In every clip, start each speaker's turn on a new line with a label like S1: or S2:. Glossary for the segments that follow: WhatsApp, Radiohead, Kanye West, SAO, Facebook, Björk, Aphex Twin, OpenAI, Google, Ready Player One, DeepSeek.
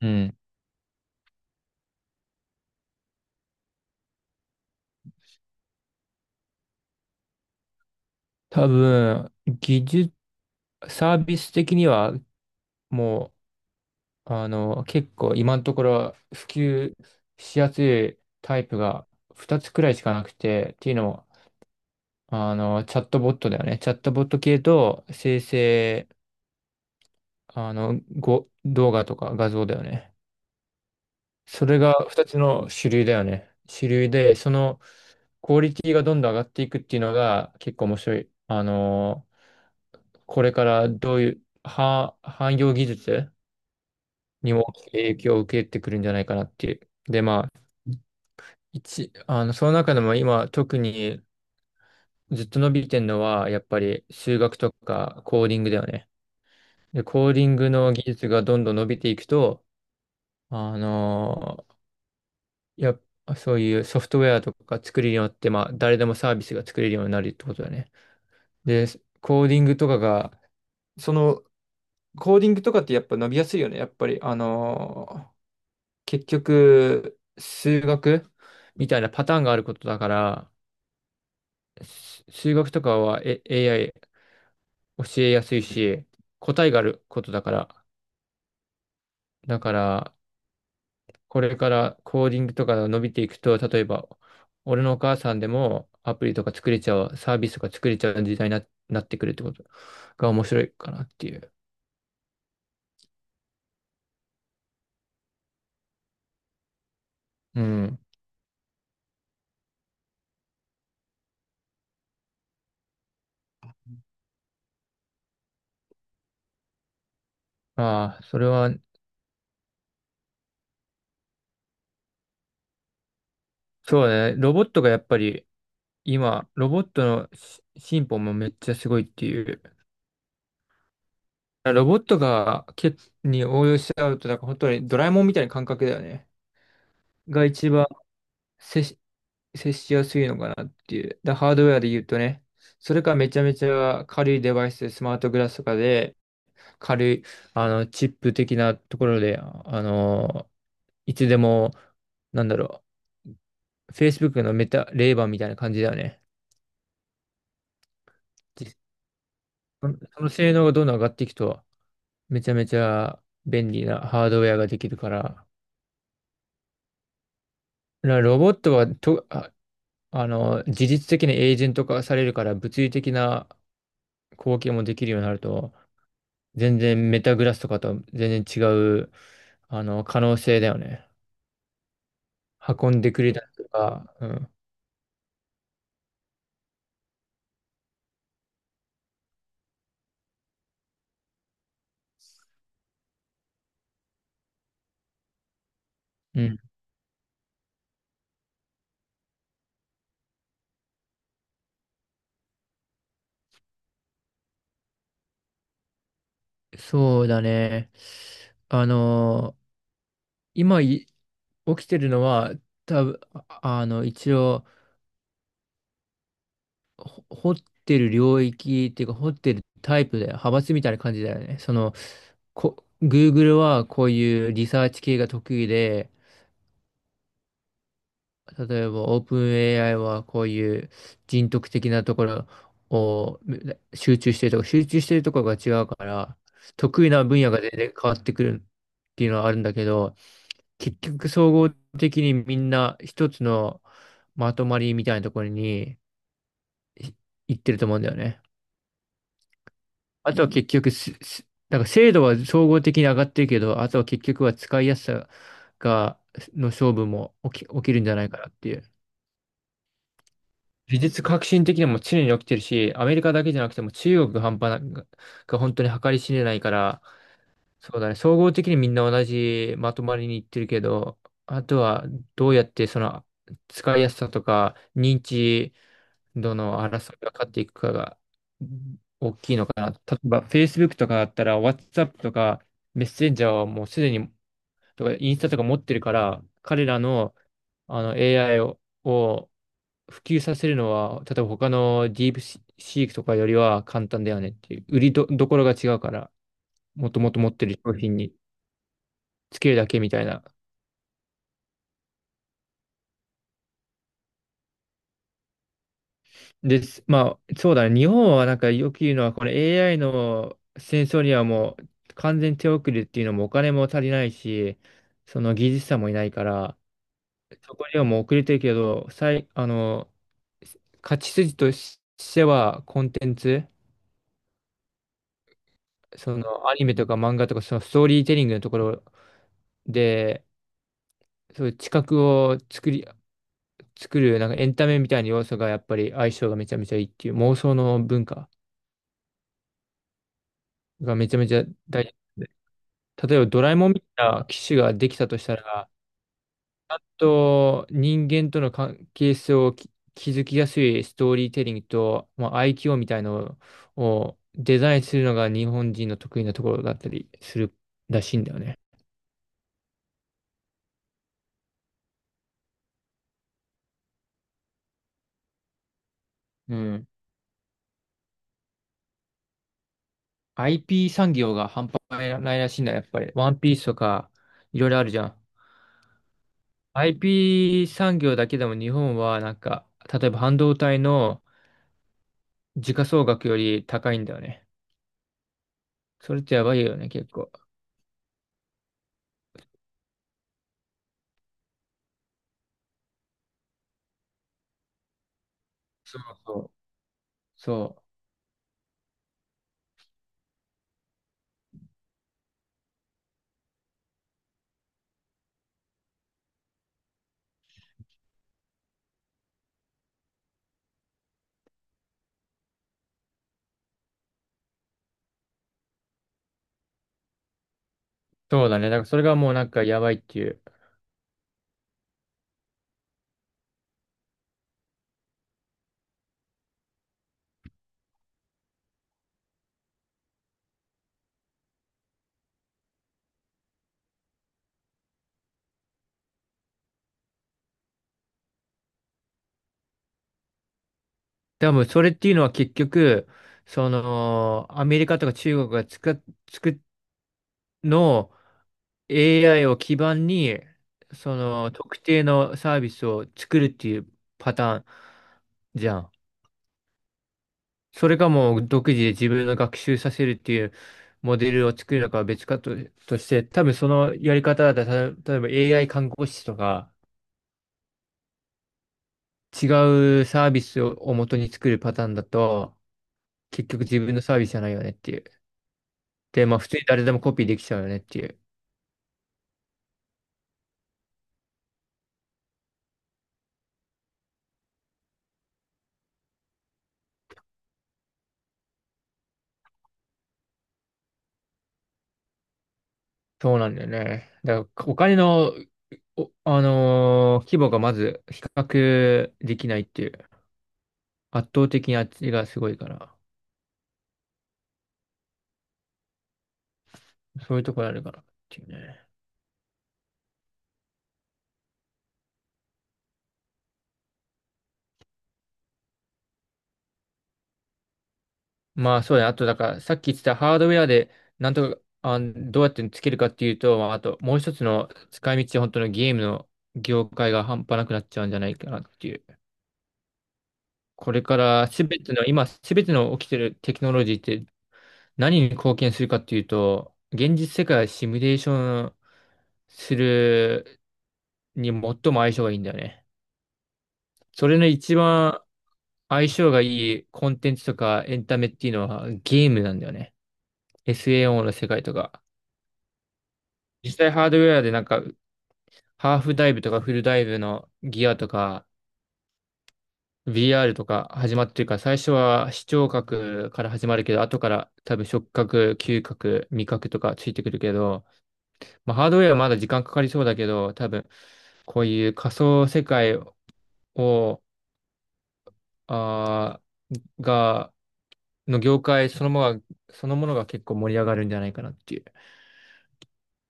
S1: うん。多分、技術、サービス的には、もう、あの、結構今のところ普及しやすいタイプが2つくらいしかなくて、っていうのも、チャットボットだよね。チャットボット系と生成、動画とか画像だよね。それが2つの主流だよね。主流で、そのクオリティがどんどん上がっていくっていうのが結構面白い。これからどういう、汎用技術にも大きく影響を受けてくるんじゃないかなっていう。で、まあ、一、あの、その中でも今特にずっと伸びてるのは、やっぱり数学とかコーディングだよね。で、コーディングの技術がどんどん伸びていくと、あのーやっぱそういうソフトウェアとか作れるようになって、まあ、誰でもサービスが作れるようになるってことだね。で、コーディングとかが、その、コーディングとかってやっぱ伸びやすいよね。やっぱり、結局、数学みたいなパターンがあることだから、数学とかは、AI 教えやすいし、答えがあることだから、だから、これからコーディングとかが伸びていくと、例えば、俺のお母さんでもアプリとか作れちゃう、サービスとか作れちゃう時代になってくるってことが面白いかなっていう。うん。まあ、それは、そうね、ロボットがやっぱり、今、ロボットの進歩もめっちゃすごいっていう。ロボットがに応用しちゃうと、なんか本当にドラえもんみたいな感覚だよね。が一番接し、接しやすいのかなっていう。ハードウェアで言うとね、それかめちゃめちゃ軽いデバイスで、スマートグラスとかで、軽い、あの、チップ的なところで、いつでも、なんだろFacebook のレーバーみたいな感じだよね。実その性能がどんどん上がっていくと、めちゃめちゃ便利なハードウェアができるから、らロボットはと、あ、あの、事実的にエージェント化されるから物理的な貢献もできるようになると、全然メタグラスとかと全然違う、可能性だよね。運んでくれたりとか、うん。うん。そうだね。あの、今起きてるのは、多分、一応、掘ってる領域っていうか、掘ってるタイプで、派閥みたいな感じだよね。その、Google はこういうリサーチ系が得意で、例えば OpenAI はこういう人徳的なところを集中してるとか、集中してるところが違うから、得意な分野が全然変わってくるっていうのはあるんだけど、結局総合的にみんな一つのまとまりみたいなところにい行ってると思うんだよね。あとは結局なんか精度は総合的に上がってるけど、あとは結局は使いやすさが、の勝負も起きるんじゃないかなっていう。技術革新的にも常に起きてるし、アメリカだけじゃなくても中国が半端な、が本当に計り知れないから、そうだね、総合的にみんな同じまとまりにいってるけど、あとはどうやってその使いやすさとか認知どの争いが勝っていくかがうん大きいのかな。例えば、Facebook とかだったら、WhatsApp とか、メッセンジャーはもうすでに、とか、インスタとか持ってるから、彼らの、あの AI を、普及させるのは、例えば他のディープシークとかよりは簡単だよねっていう、売りど、どころが違うから、もともと持ってる商品につけるだけみたいなです。まあ、そうだね。日本はなんかよく言うのは、この AI の戦争にはもう完全手遅れっていうのもお金も足りないし、その技術者もいないから、そこにはもう遅れてるけど、最、あの、勝ち筋としてはコンテンツ、そのアニメとか漫画とかそのストーリーテリングのところで、そういう知覚を作り、作るなんかエンタメみたいな要素がやっぱり相性がめちゃめちゃいいっていう妄想の文化がめちゃめちゃ大事。例えばドラえもんみたいな機種ができたとしたら、と人間との関係性を築きやすいストーリーテリングと、まあ、IQ みたいのをデザインするのが日本人の得意なところだったりするらしいんだよね。うん。IP 産業が半端ないらしいんだ、やっぱり。ワンピースとか、いろいろあるじゃん。IP 産業だけでも日本はなんか、例えば半導体の時価総額より高いんだよね。それってやばいよね、結構。そうそうそう。そうだね。だからそれがもうなんかやばいっていう。多分それっていうのは結局、その、アメリカとか中国がつくの AI を基盤に、その特定のサービスを作るっていうパターンじゃん。それかもう独自で自分の学習させるっていうモデルを作るのかは別かと、として、多分そのやり方だと、例えば AI 看護師とか違うサービスを、元に作るパターンだと、結局自分のサービスじゃないよねっていう。で、まあ普通に誰でもコピーできちゃうよねっていう。そうなんだよね。だからお金の、お、あのー規模がまず比較できないっていう。圧倒的にあっちがすごいから。そういうところあるかなっていうね。まあそうだね。あとだからさっき言ってたハードウェアでなんとか、どうやってつけるかっていうと、まああともう一つの使い道、本当のゲームの業界が半端なくなっちゃうんじゃないかなっていう。これからすべての、今すべての起きてるテクノロジーって何に貢献するかっていうと、現実世界をシミュレーションするに最も相性がいいんだよね。それの一番相性がいいコンテンツとかエンタメっていうのはゲームなんだよね。SAO の世界とか。実際ハードウェアでなんかハーフダイブとかフルダイブのギアとか VR とか始まってるから最初は視聴覚から始まるけど後から多分触覚、嗅覚、味覚とかついてくるけどまあ、ハードウェアはまだ時間かかりそうだけど、多分、こういう仮想世界を、あーが、の業界そのものが、そのものが結構盛り上がるんじゃないかなっていう。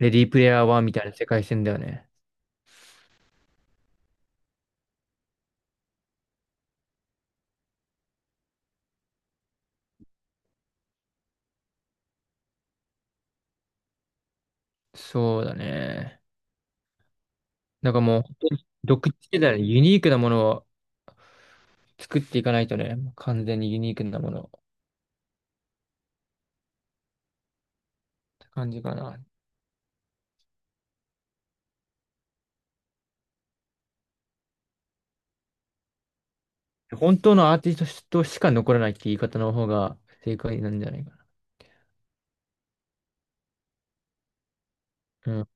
S1: レディープレイヤー1みたいな世界線だよね。そうだね。なんかもう、本当に独自世代のユニークなものを作っていかないとね、完全にユニークなものって感じかな。本当のアーティストとしか残らないって言い方の方が正解なんじゃないかな。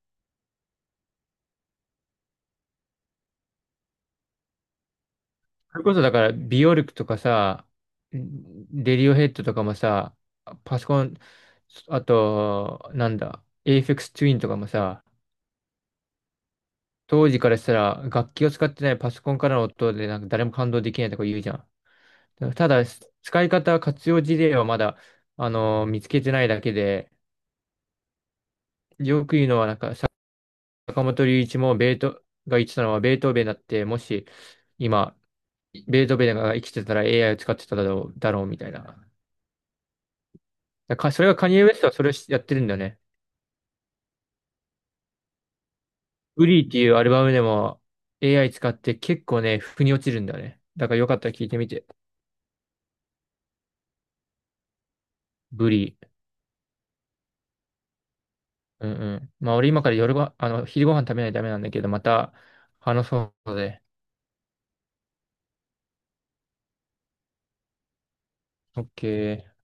S1: それこそだから、ビオルクとかさ、レディオヘッドとかもさ、パソコン、あと、なんだ、エイフェクスツインとかもさ、当時からしたら楽器を使ってないパソコンからの音でなんか誰も感動できないとか言うじゃん。ただ、使い方、活用事例はまだ、あの見つけてないだけで、よく言うのはなんか、坂本龍一もベートが言ってたのはベートーベンだって、もし今、ベートーベンが生きてたら AI を使ってただろうみたいな。だからそれがカニエ・ウェストはそれをやってるんだよね。ウリーっていうアルバムでも AI 使って結構ね、腑に落ちるんだよね。だからよかったら聞いてみて。ブリー。うんうん。まあ俺今から夜ご、あの、昼ご飯食べないとダメなんだけど、また話そうので。オッケー。